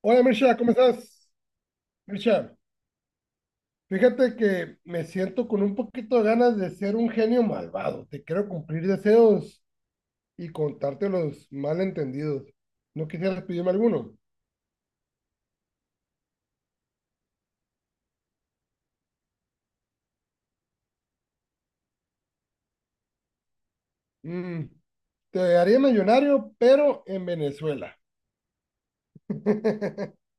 Hola Mircha, ¿cómo estás? Mircha, fíjate que me siento con un poquito de ganas de ser un genio malvado. Te quiero cumplir deseos y contarte los malentendidos. ¿No quisieras pedirme alguno? Mm, Te haría millonario, pero en Venezuela.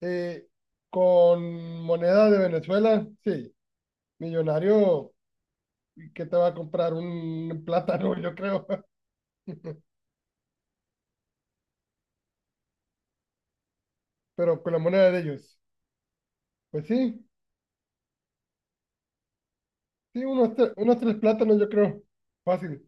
Eh, con moneda de Venezuela, sí. Millonario, ¿qué te va a comprar? Un plátano, yo creo. Pero con la moneda de ellos. Pues sí, sí, unos 3 plátanos, yo creo. Fácil.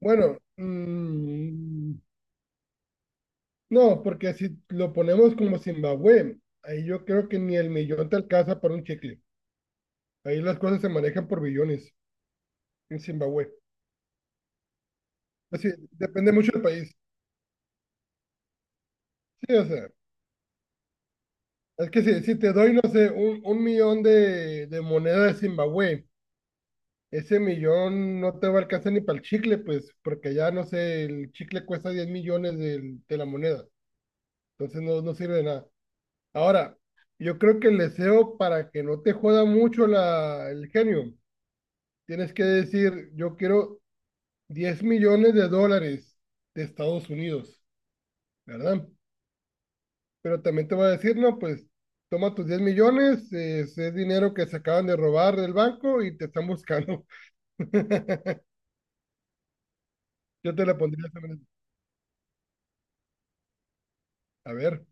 Bueno, no, porque si lo ponemos como Zimbabue, ahí yo creo que ni el millón te alcanza para un chicle. Ahí las cosas se manejan por billones en Zimbabue. Así, depende mucho del país. Sí, o sea, es que si te doy, no sé, un millón de moneda de Zimbabue, ese millón no te va a alcanzar ni para el chicle, pues, porque ya, no sé, el chicle cuesta 10 millones de la moneda. Entonces no sirve de nada. Ahora, yo creo que el deseo para que no te joda mucho el genio, tienes que decir, yo quiero $10 millones de Estados Unidos, ¿verdad? Pero también te va a decir, no, pues toma tus 10 millones, es dinero que se acaban de robar del banco y te están buscando. Yo te la pondría de esa manera. A ver,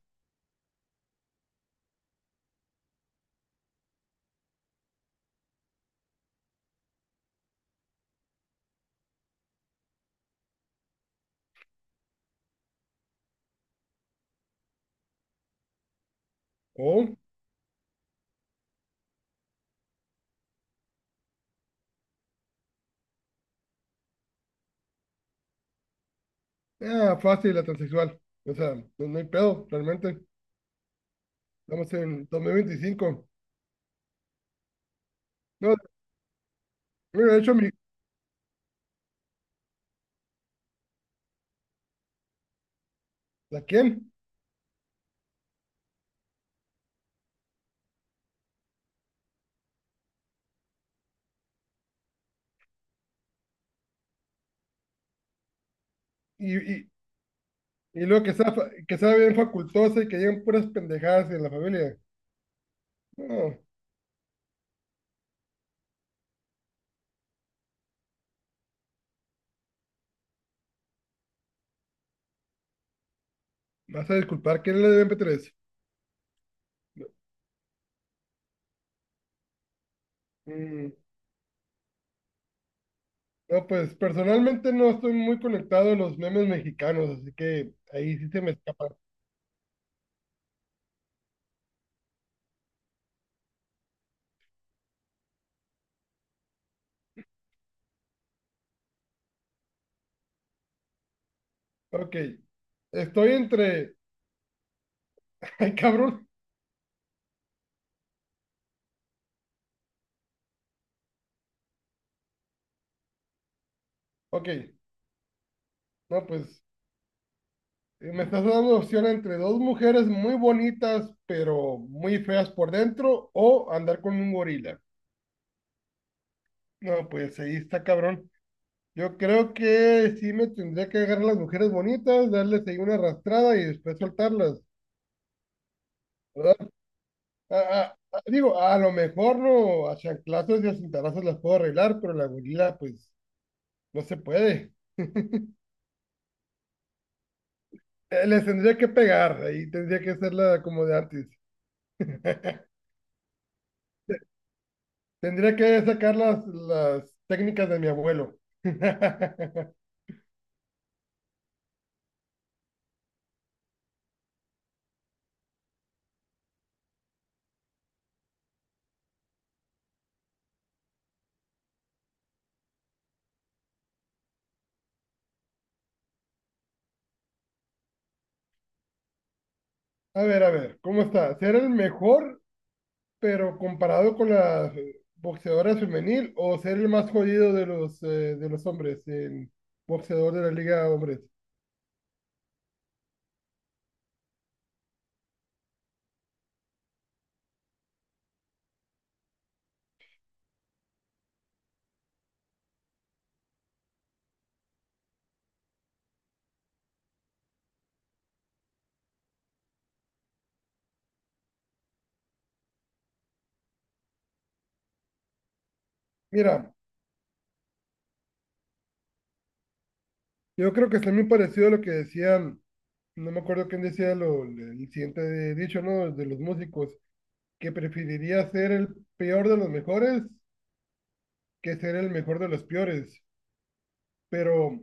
o, fácil, la transexual. O sea, no, no hay pedo, realmente. Estamos en 2025. No, mira, de hecho, ¿la quién? Y, y, y luego que sea bien facultosa y que lleguen puras pendejadas en la familia. No, me vas a disculpar, ¿quién le debe meter eso? Mm. No, pues personalmente no estoy muy conectado a los memes mexicanos, así que ahí sí se me escapa. Ok, estoy entre. Ay, cabrón. Ok, no, pues me estás dando opción entre dos mujeres muy bonitas, pero muy feas por dentro, o andar con un gorila. No, pues ahí está, cabrón. Yo creo que sí me tendría que agarrar las mujeres bonitas, darles ahí una arrastrada y después soltarlas, ¿verdad? A- Digo, a lo mejor no, a chanclazos y a cintarazos las puedo arreglar, pero la gorila, pues, no se puede. Les tendría que pegar, ahí tendría que hacerla como de antes. Tendría que sacar las técnicas de mi abuelo. A ver, ¿cómo está? ¿Ser el mejor pero comparado con la boxeadora femenil o ser el más jodido de los hombres, el boxeador de la liga de hombres? Mira, yo creo que está muy parecido a lo que decían, no me acuerdo quién decía lo, el siguiente dicho, ¿no? De los músicos, que preferiría ser el peor de los mejores que ser el mejor de los peores. Pero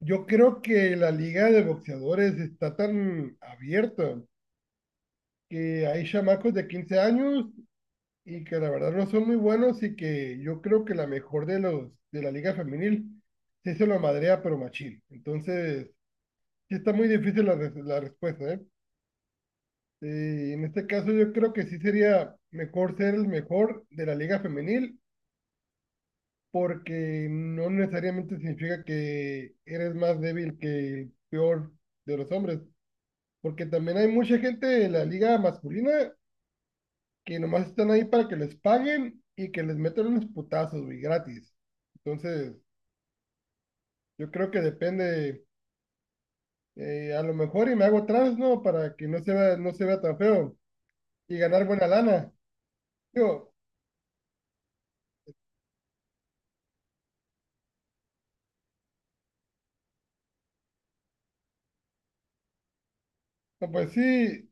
yo creo que la liga de boxeadores está tan abierta que hay chamacos de 15 años y que la verdad no son muy buenos y que yo creo que la mejor de los de la liga femenil sí se lo madrea pero machín. Entonces, sí está muy difícil la, la respuesta, ¿eh? En este caso yo creo que sí sería mejor ser el mejor de la liga femenil porque no necesariamente significa que eres más débil que el peor de los hombres, porque también hay mucha gente en la liga masculina que nomás están ahí para que les paguen y que les metan unos putazos, güey, gratis. Entonces, yo creo que depende, a lo mejor y me hago trans, ¿no? Para que no se vea, no se vea tan feo y ganar buena lana. Digo, no, pues sí,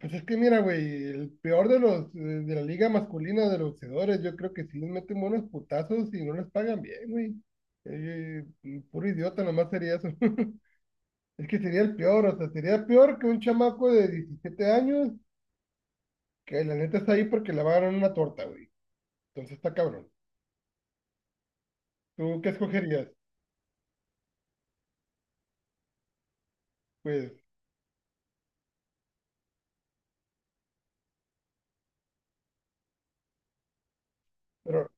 pues es que mira, güey, el peor de los, de la liga masculina de los boxeadores, yo creo que sí les meten buenos putazos y no les pagan bien, güey. Eh, Puro idiota, nomás sería eso. Es que sería el peor, o sea, sería peor que un chamaco de 17 años que la neta está ahí porque le va a dar una torta, güey. Entonces está cabrón. ¿Tú qué escogerías? Pues, pero.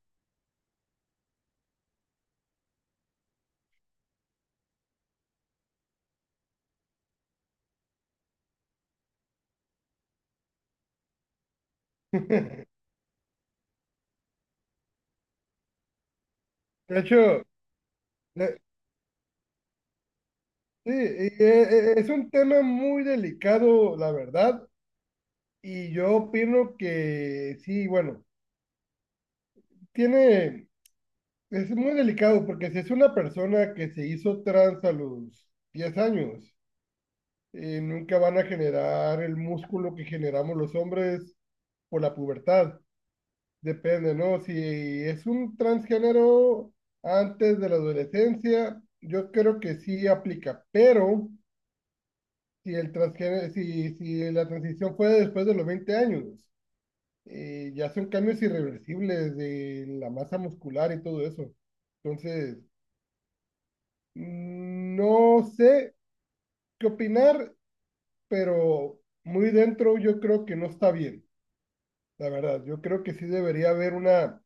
De hecho, le- sí, es un tema muy delicado, la verdad, y yo opino que sí, bueno, tiene, es muy delicado porque si es una persona que se hizo trans a los 10 años, nunca van a generar el músculo que generamos los hombres por la pubertad. Depende, ¿no? Si es un transgénero antes de la adolescencia, yo creo que sí aplica, pero si el transgénero, si la transición fue después de los 20 años, ya son cambios irreversibles de la masa muscular y todo eso. Entonces, no sé qué opinar, pero muy dentro yo creo que no está bien, la verdad. Yo creo que sí debería haber una,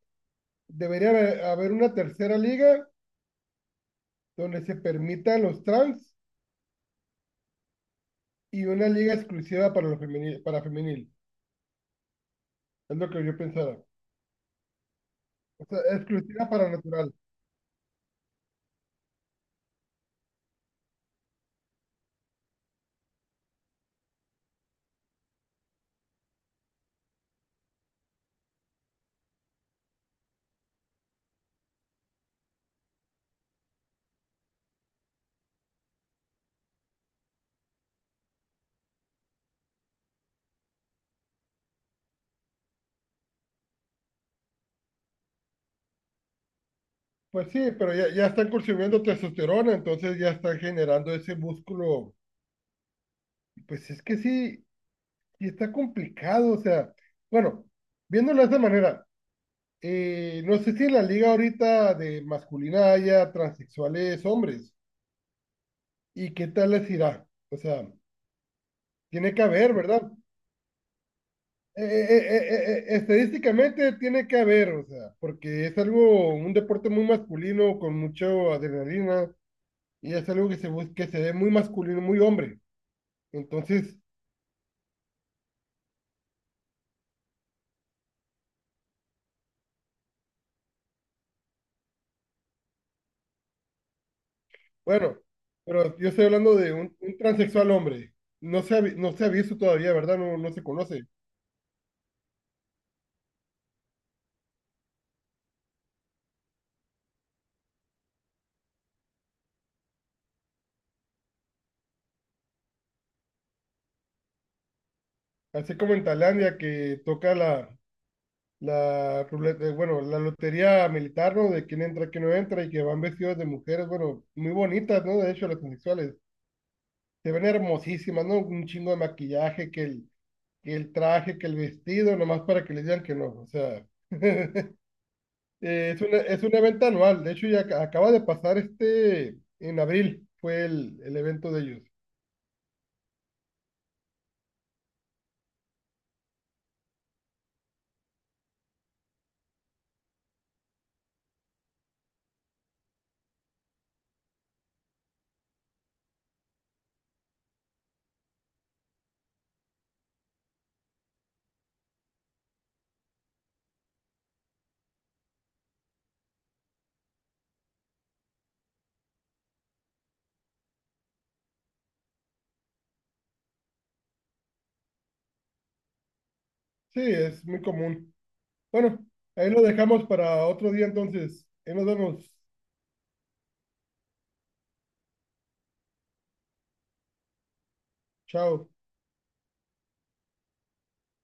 debería haber haber una tercera liga donde se permitan los trans y una liga exclusiva para, lo femenil, para femenil. Es lo que yo pensaba. O sea, exclusiva para natural. Pues sí, pero ya, ya están consumiendo testosterona, entonces ya están generando ese músculo. Pues es que sí, sí está complicado. O sea, bueno, viéndolo de esta manera, no sé si en la liga ahorita de masculina haya transexuales hombres. ¿Y qué tal les irá? O sea, tiene que haber, ¿verdad? Estadísticamente tiene que haber, o sea, porque es algo, un deporte muy masculino, con mucha adrenalina, y es algo que que se ve muy masculino, muy hombre. Entonces, bueno, pero yo estoy hablando de un transexual hombre. No se ha visto todavía, ¿verdad? No, no se conoce. Así como en Tailandia que toca la, la ruleta, bueno, la lotería militar, ¿no? De quién entra, quién no entra, y que van vestidos de mujeres, bueno, muy bonitas, ¿no? De hecho, las transexuales se ven hermosísimas, ¿no? Un chingo de maquillaje, que el traje, que el vestido, nomás para que les digan que no. O sea, eh, es una, es un evento anual. De hecho, ya acaba de pasar este, en abril fue el evento de ellos. Sí, es muy común. Bueno, ahí lo dejamos para otro día entonces. Ahí nos vemos. Chao.